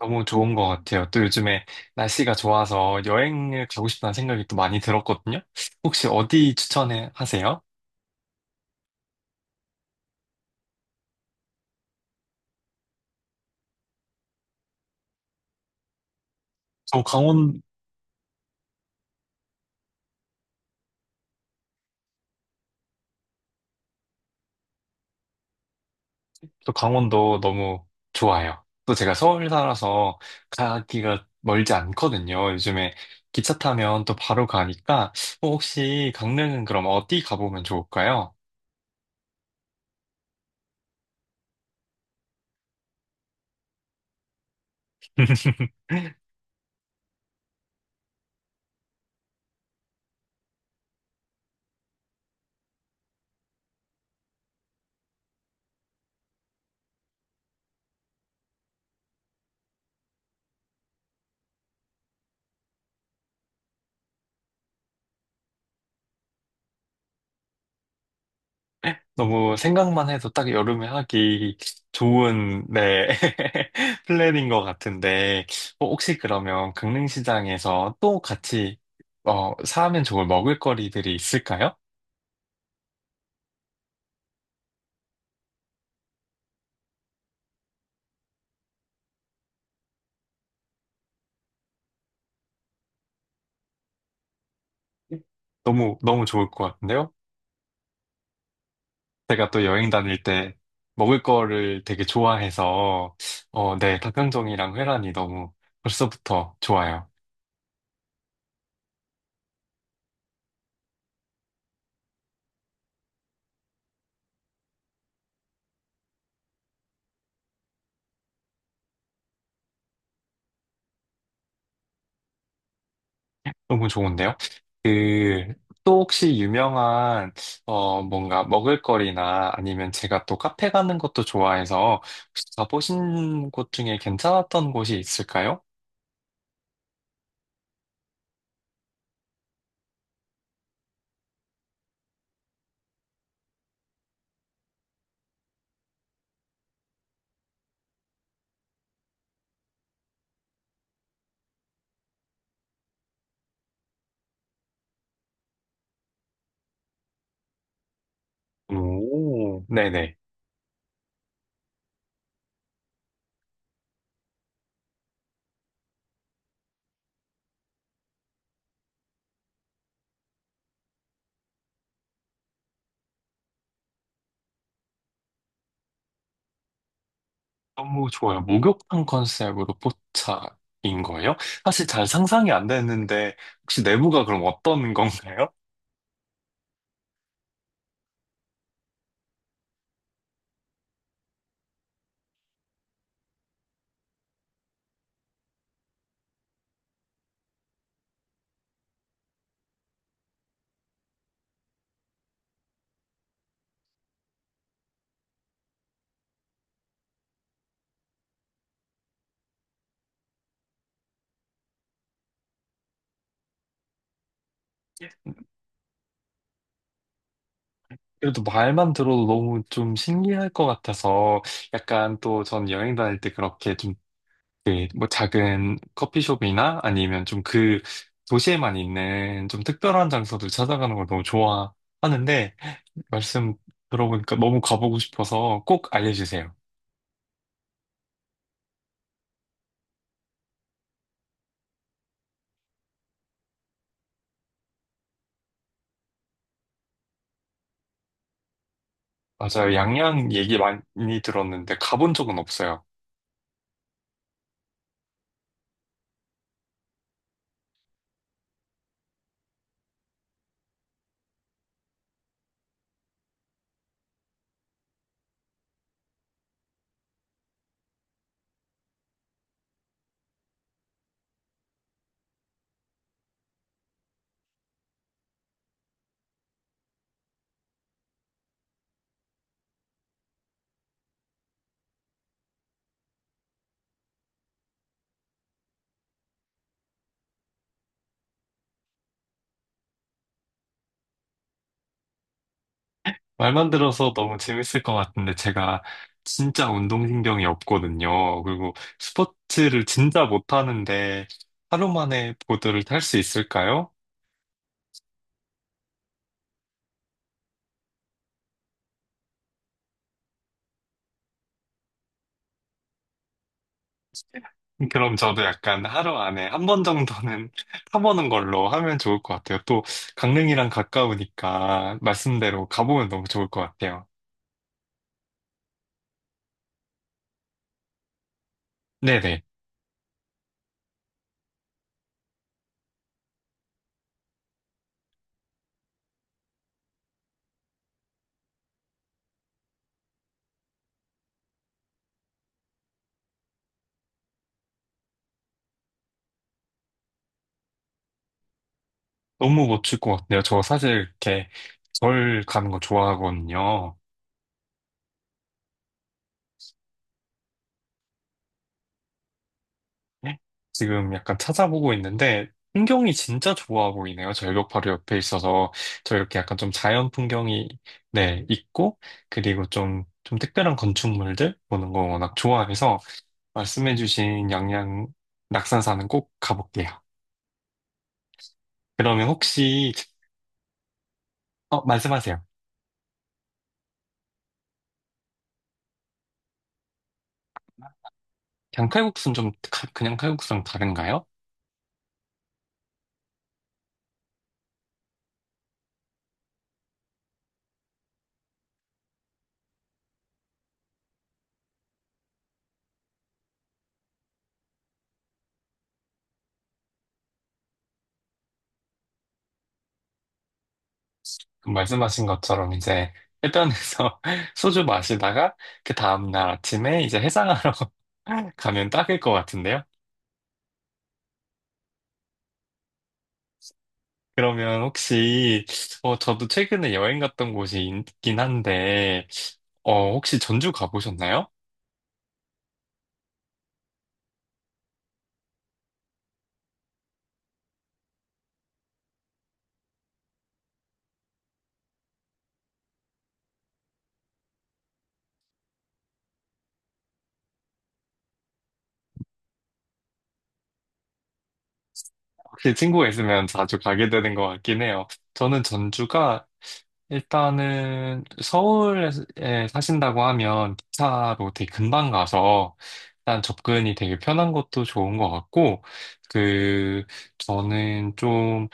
너무 좋은 것 같아요. 또 요즘에 날씨가 좋아서 여행을 가고 싶다는 생각이 또 많이 들었거든요. 혹시 어디 추천해 하세요? 저 강원, 저 강원도 너무 좋아요. 또 제가 서울 살아서 가기가 멀지 않거든요. 요즘에 기차 타면 또 바로 가니까 혹시 강릉은 그럼 어디 가보면 좋을까요? 너무 생각만 해도 딱 여름에 하기 좋은, 네, 플랜인 것 같은데, 혹시 그러면 강릉시장에서 또 같이, 사면 좋을 먹을거리들이 있을까요? 너무, 너무 좋을 것 같은데요? 제가 또 여행 다닐 때 먹을 거를 되게 좋아해서, 어, 네, 닭강정이랑 회란이 너무 벌써부터 좋아요. 너무 좋은데요? 그, 또 혹시 유명한, 뭔가 먹을거리나 아니면 제가 또 카페 가는 것도 좋아해서 혹시 가보신 곳 중에 괜찮았던 곳이 있을까요? 오, 네네. 너무 좋아요. 목욕탕 컨셉으로 포차인 거예요? 사실 잘 상상이 안 됐는데 혹시 내부가 그럼 어떤 건가요? 그래도 말만 들어도 너무 좀 신기할 것 같아서 약간 또 전 여행 다닐 때 그렇게 좀 그, 뭐 작은 커피숍이나 아니면 좀 그 도시에만 있는 좀 특별한 장소들 찾아가는 걸 너무 좋아하는데 말씀 들어보니까 너무 가보고 싶어서 꼭 알려주세요. 맞아요. 양양 얘기 많이 들었는데 가본 적은 없어요. 말만 들어서 너무 재밌을 것 같은데 제가 진짜 운동신경이 없거든요. 그리고 스포츠를 진짜 못하는데 하루 만에 보드를 탈 수 있을까요? 그럼 저도 약간 하루 안에 한 번 정도는 타보는 걸로 하면 좋을 것 같아요. 또 강릉이랑 가까우니까 말씀대로 가보면 너무 좋을 것 같아요. 네네. 너무 멋질 것 같아요. 저 사실 이렇게 절 가는 거 좋아하거든요. 네? 지금 약간 찾아보고 있는데 풍경이 진짜 좋아 보이네요. 절벽 바로 옆에 있어서 저 이렇게 약간 좀 자연 풍경이 네, 있고 그리고 좀 특별한 건축물들 보는 거 워낙 좋아해서 말씀해주신 양양 낙산사는 꼭 가볼게요. 그러면 혹시, 말씀하세요. 그냥 칼국수는 좀, 가- 그냥 칼국수랑 다른가요? 그 말씀하신 것처럼 이제 해변에서 소주 마시다가 그 다음날 아침에 이제 해상하러 가면 딱일 것 같은데요? 그러면 혹시, 저도 최근에 여행 갔던 곳이 있긴 한데, 혹시 전주 가보셨나요? 혹시 친구가 있으면 자주 가게 되는 것 같긴 해요. 저는 전주가 일단은 서울에 사신다고 하면 기차로 되게 금방 가서 일단 접근이 되게 편한 것도 좋은 것 같고, 그 저는 좀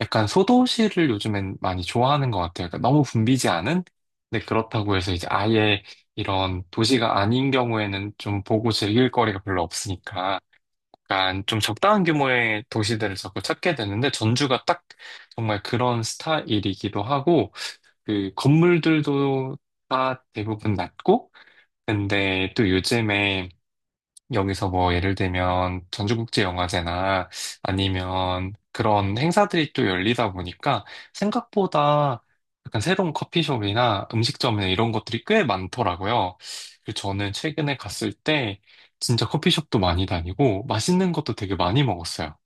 약간 소도시를 요즘엔 많이 좋아하는 것 같아요. 그러니까 너무 붐비지 않은? 근데 그렇다고 해서 이제 아예 이런 도시가 아닌 경우에는 좀 보고 즐길 거리가 별로 없으니까 약간 좀 적당한 규모의 도시들을 자꾸 찾게 되는데 전주가 딱 정말 그런 스타일이기도 하고 그 건물들도 다 대부분 낮고, 근데 또 요즘에 여기서 뭐 예를 들면 전주국제영화제나 아니면 그런 행사들이 또 열리다 보니까 생각보다 약간 새로운 커피숍이나 음식점이나 이런 것들이 꽤 많더라고요. 그래서 저는 최근에 갔을 때 진짜 커피숍도 많이 다니고 맛있는 것도 되게 많이 먹었어요.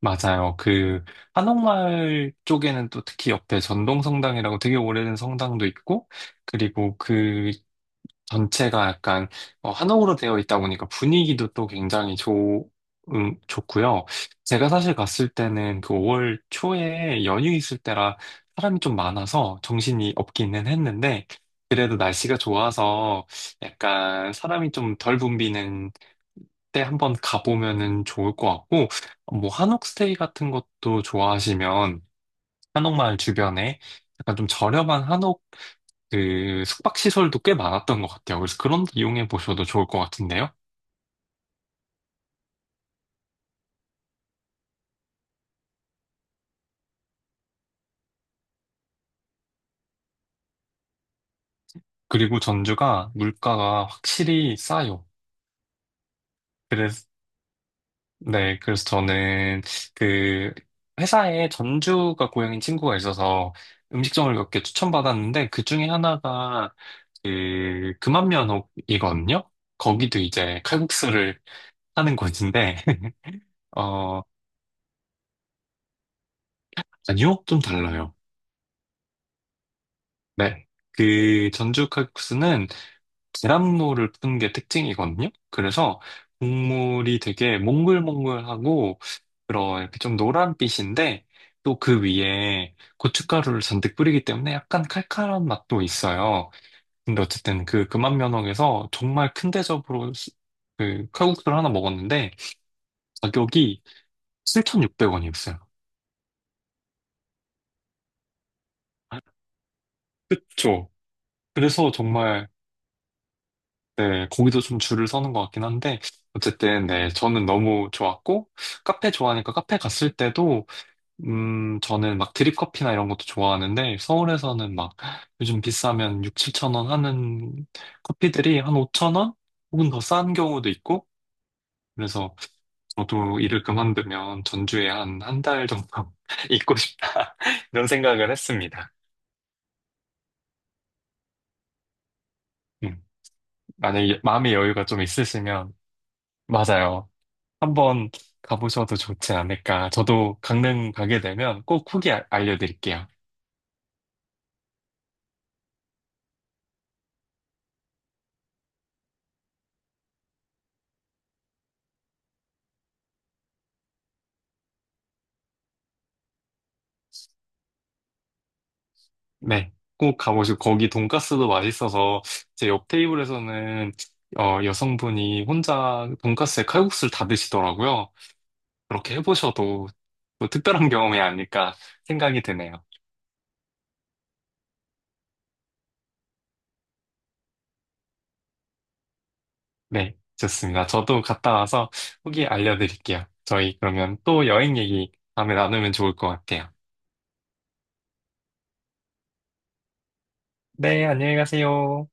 맞아요. 그 한옥마을 쪽에는 또 특히 옆에 전동성당이라고 되게 오래된 성당도 있고 그리고 그 전체가 약간 어, 한옥으로 되어 있다 보니까 분위기도 또 굉장히 좋, 좋고요. 제가 사실 갔을 때는 그 5월 초에 연휴 있을 때라 사람이 좀 많아서 정신이 없기는 했는데 그래도 날씨가 좋아서 약간 사람이 좀 덜 붐비는 때 한번 가보면은 좋을 것 같고 뭐 한옥 스테이 같은 것도 좋아하시면 한옥마을 주변에 약간 좀 저렴한 그 숙박시설도 꽤 많았던 것 같아요. 그래서 그런 데 이용해 보셔도 좋을 것 같은데요. 그리고 전주가 물가가 확실히 싸요. 그래서, 네, 그래서 저는 그 회사에 전주가 고향인 친구가 있어서 음식점을 몇 개 추천받았는데 그 중에 하나가 그 금암면옥이거든요. 거기도 이제 칼국수를 하는 곳인데, 어, 아니요? 좀 달라요. 네. 그 전주 칼국수는 계란물을 푼 게 특징이거든요. 그래서 국물이 되게 몽글몽글하고 그런 이렇게 좀 노란빛인데 또 그 위에 고춧가루를 잔뜩 뿌리기 때문에 약간 칼칼한 맛도 있어요. 근데 어쨌든 그 금암면옥에서 정말 큰 대접으로 수- 그 칼국수를 하나 먹었는데 가격이 7,600원이었어요. 그쵸. 그래서 정말 네, 거기도 좀 줄을 서는 것 같긴 한데, 어쨌든, 네, 저는 너무 좋았고, 카페 좋아하니까 카페 갔을 때도, 저는 막 드립커피나 이런 것도 좋아하는데, 서울에서는 막 요즘 비싸면 6, 7천 원 하는 커피들이 한 5천 원? 혹은 더 싼 경우도 있고, 그래서 저도 일을 그만두면 전주에 한 한 달 정도 있고 싶다. 이런 생각을 했습니다. 음, 만약에 마음의 여유가 좀 있으시면, 맞아요. 한번 가보셔도 좋지 않을까. 저도 강릉 가게 되면 꼭 후기 알려드릴게요. 네. 꼭 가보시고, 거기 돈가스도 맛있어서, 제 옆 테이블에서는 어, 여성분이 혼자 돈가스에 칼국수를 다 드시더라고요. 그렇게 해보셔도 뭐 특별한 경험이 아닐까 생각이 드네요. 네, 좋습니다. 저도 갔다 와서 후기 알려드릴게요. 저희 그러면 또 여행 얘기 다음에 나누면 좋을 것 같아요. 네, 안녕히 가세요.